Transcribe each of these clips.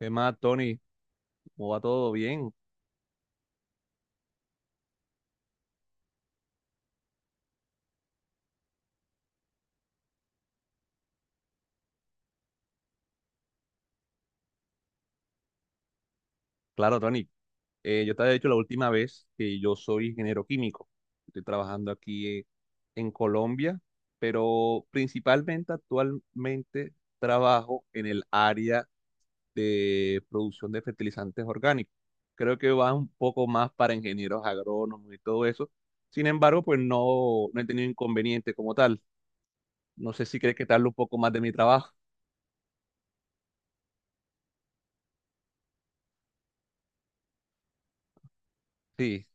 ¿Qué más, Tony? ¿Cómo va todo bien? Claro, Tony. Yo te había dicho la última vez que yo soy ingeniero químico. Estoy trabajando aquí en Colombia, pero principalmente actualmente trabajo en el área de producción de fertilizantes orgánicos. Creo que va un poco más para ingenieros agrónomos y todo eso. Sin embargo, pues no he tenido inconveniente como tal. No sé si crees que te hablo un poco más de mi trabajo. Sí.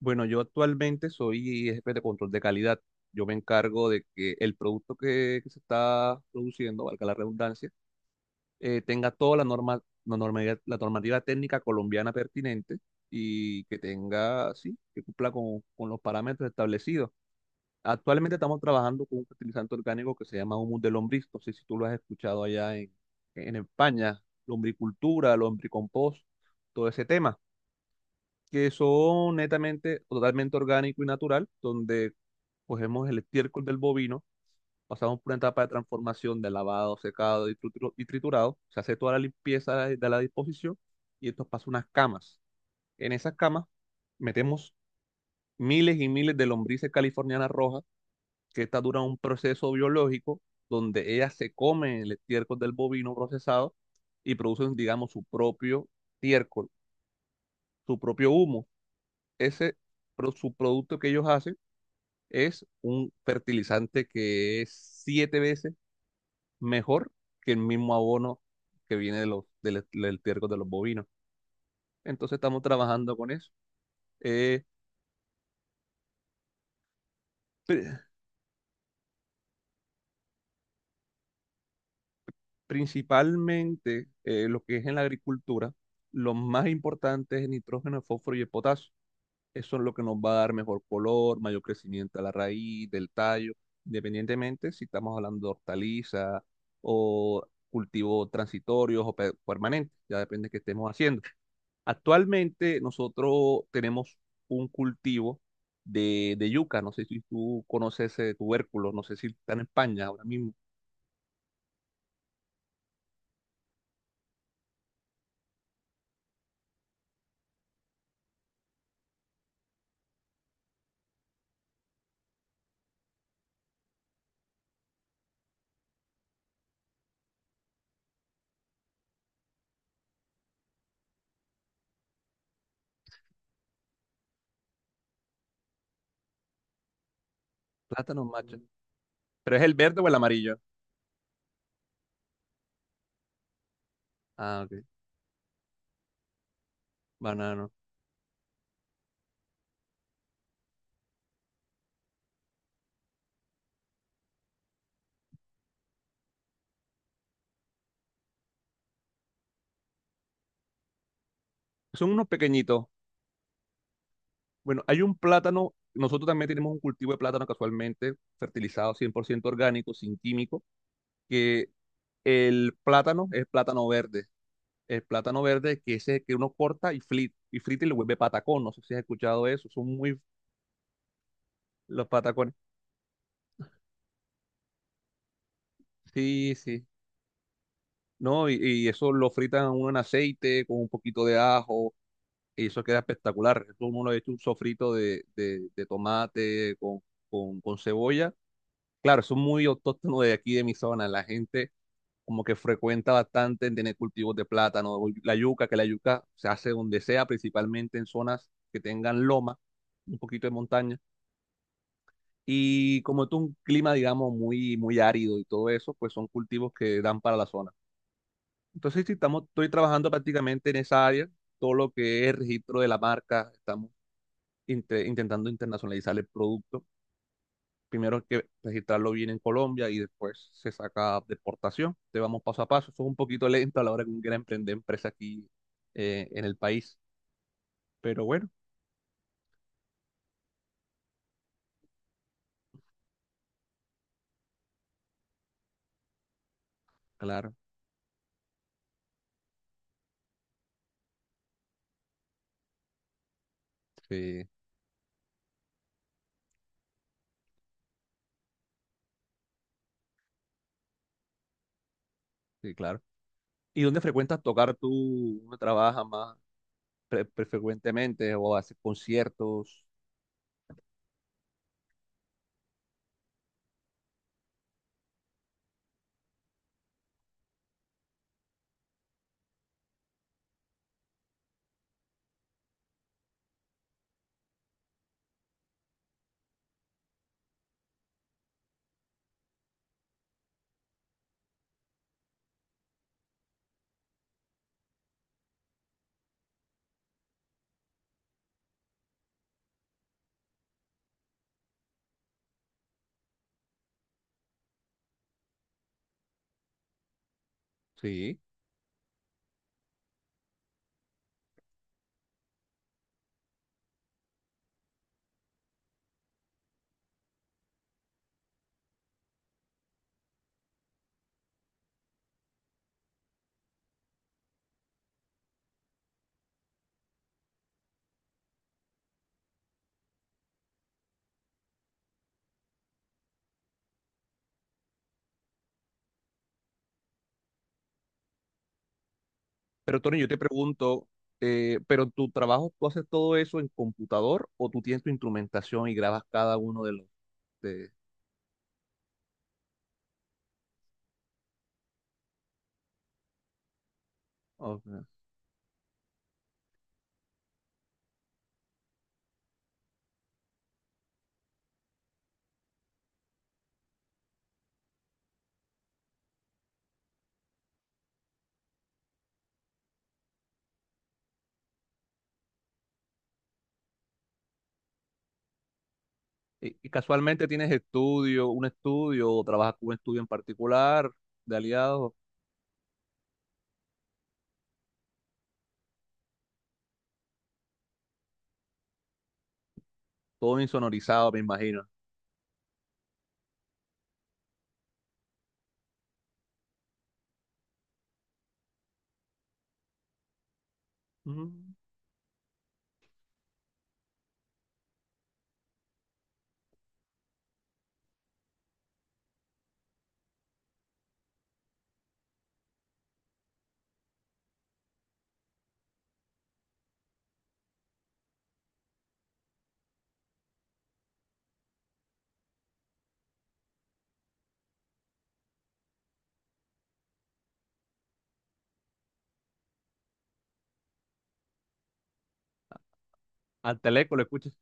Bueno, yo actualmente soy jefe de control de calidad. Yo me encargo de que el producto que se está produciendo, valga la redundancia, tenga toda la norma, la normativa técnica colombiana pertinente y que tenga, sí, que cumpla con los parámetros establecidos. Actualmente estamos trabajando con un fertilizante orgánico que se llama humus de lombriz. No sé si tú lo has escuchado allá en España, lombricultura, lombricompost, todo ese tema que son netamente o totalmente orgánico y natural, donde cogemos el estiércol del bovino, pasamos por una etapa de transformación de lavado, secado y, y triturado, se hace toda la limpieza de la disposición y esto pasa a unas camas. En esas camas metemos miles y miles de lombrices californianas rojas, que estas duran un proceso biológico donde ellas se comen el estiércol del bovino procesado y producen, digamos, su propio estiércol, su propio humo. Ese subproducto que ellos hacen es un fertilizante que es siete veces mejor que el mismo abono que viene de los, del, e, del estiércol de los bovinos. Entonces estamos trabajando con eso. Eh, pr- Principalmente lo que es en la agricultura, lo más importante es el nitrógeno, el fósforo y el potasio. Eso es lo que nos va a dar mejor color, mayor crecimiento a la raíz, del tallo, independientemente si estamos hablando de hortaliza o cultivos transitorios o permanentes, ya depende de qué estemos haciendo. Actualmente nosotros tenemos un cultivo de yuca, no sé si tú conoces ese tubérculo, no sé si está en España ahora mismo, plátano macho, pero es el verde o el amarillo. Ah, ok, banano. Son unos pequeñitos. Bueno, hay un plátano, nosotros también tenemos un cultivo de plátano casualmente fertilizado 100% orgánico, sin químico, que el plátano es plátano verde, el plátano verde que ese que uno corta y frita y frita y le vuelve patacón, no sé si has escuchado eso, son muy los patacones. Sí, sí. No, y eso lo fritan uno en aceite con un poquito de ajo y eso queda espectacular. Eso uno lo ha hecho un sofrito de tomate con, con cebolla. Claro, eso es muy autóctono de aquí, de mi zona. La gente como que frecuenta bastante en tener cultivos de plátano, o la yuca, que la yuca se hace donde sea, principalmente en zonas que tengan loma, un poquito de montaña. Y como es un clima, digamos, muy árido y todo eso, pues son cultivos que dan para la zona. Entonces, sí, estamos, estoy trabajando prácticamente en esa área, todo lo que es registro de la marca, estamos intentando internacionalizar el producto. Primero hay que registrarlo bien en Colombia y después se saca deportación. Te vamos paso a paso. Eso es un poquito lento a la hora que uno quiera emprender empresa aquí en el país. Pero bueno, claro, sí, sí, claro. ¿Y dónde frecuentas tocar tú? ¿Dónde trabajas más frecuentemente o haces conciertos? Sí. Pero Tony, yo te pregunto, ¿pero tu trabajo tú haces todo eso en computador o tú tienes tu instrumentación y grabas cada uno de los... De... Ok. Y casualmente tienes estudio, un estudio, o trabajas con un estudio en particular de aliados, todo insonorizado, me imagino. Ujú. Al teléfono lo escuchas.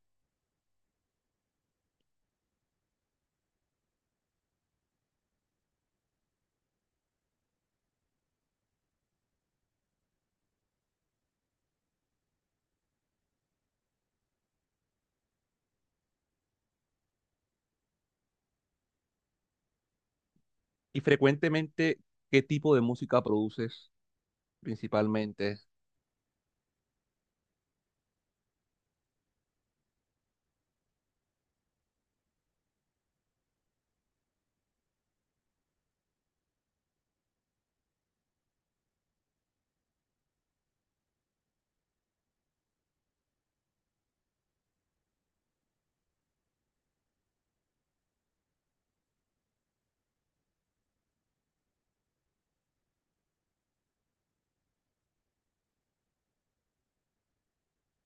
Y frecuentemente, ¿qué tipo de música produces principalmente?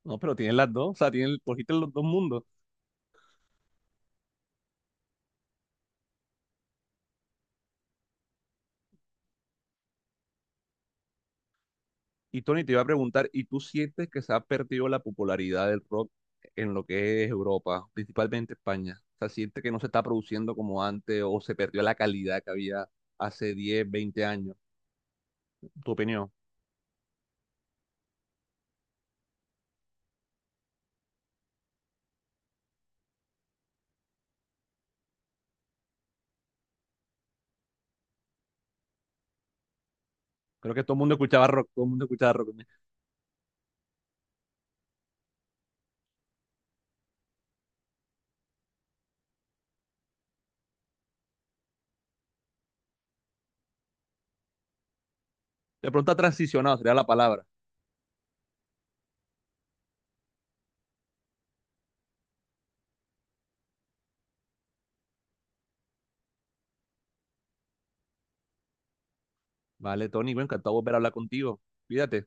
No, pero tienes las dos, o sea, tienes, cogiste los dos mundos. Y Tony, te iba a preguntar, ¿y tú sientes que se ha perdido la popularidad del rock en lo que es Europa, principalmente España? O sea, ¿sientes que no se está produciendo como antes o se perdió la calidad que había hace 10, 20 años? ¿Tu opinión? Creo que todo el mundo escuchaba rock, todo el mundo escuchaba rock. De pronto ha transicionado, sería la palabra. Vale, Tony, bueno, encantado de volver a hablar contigo. Cuídate.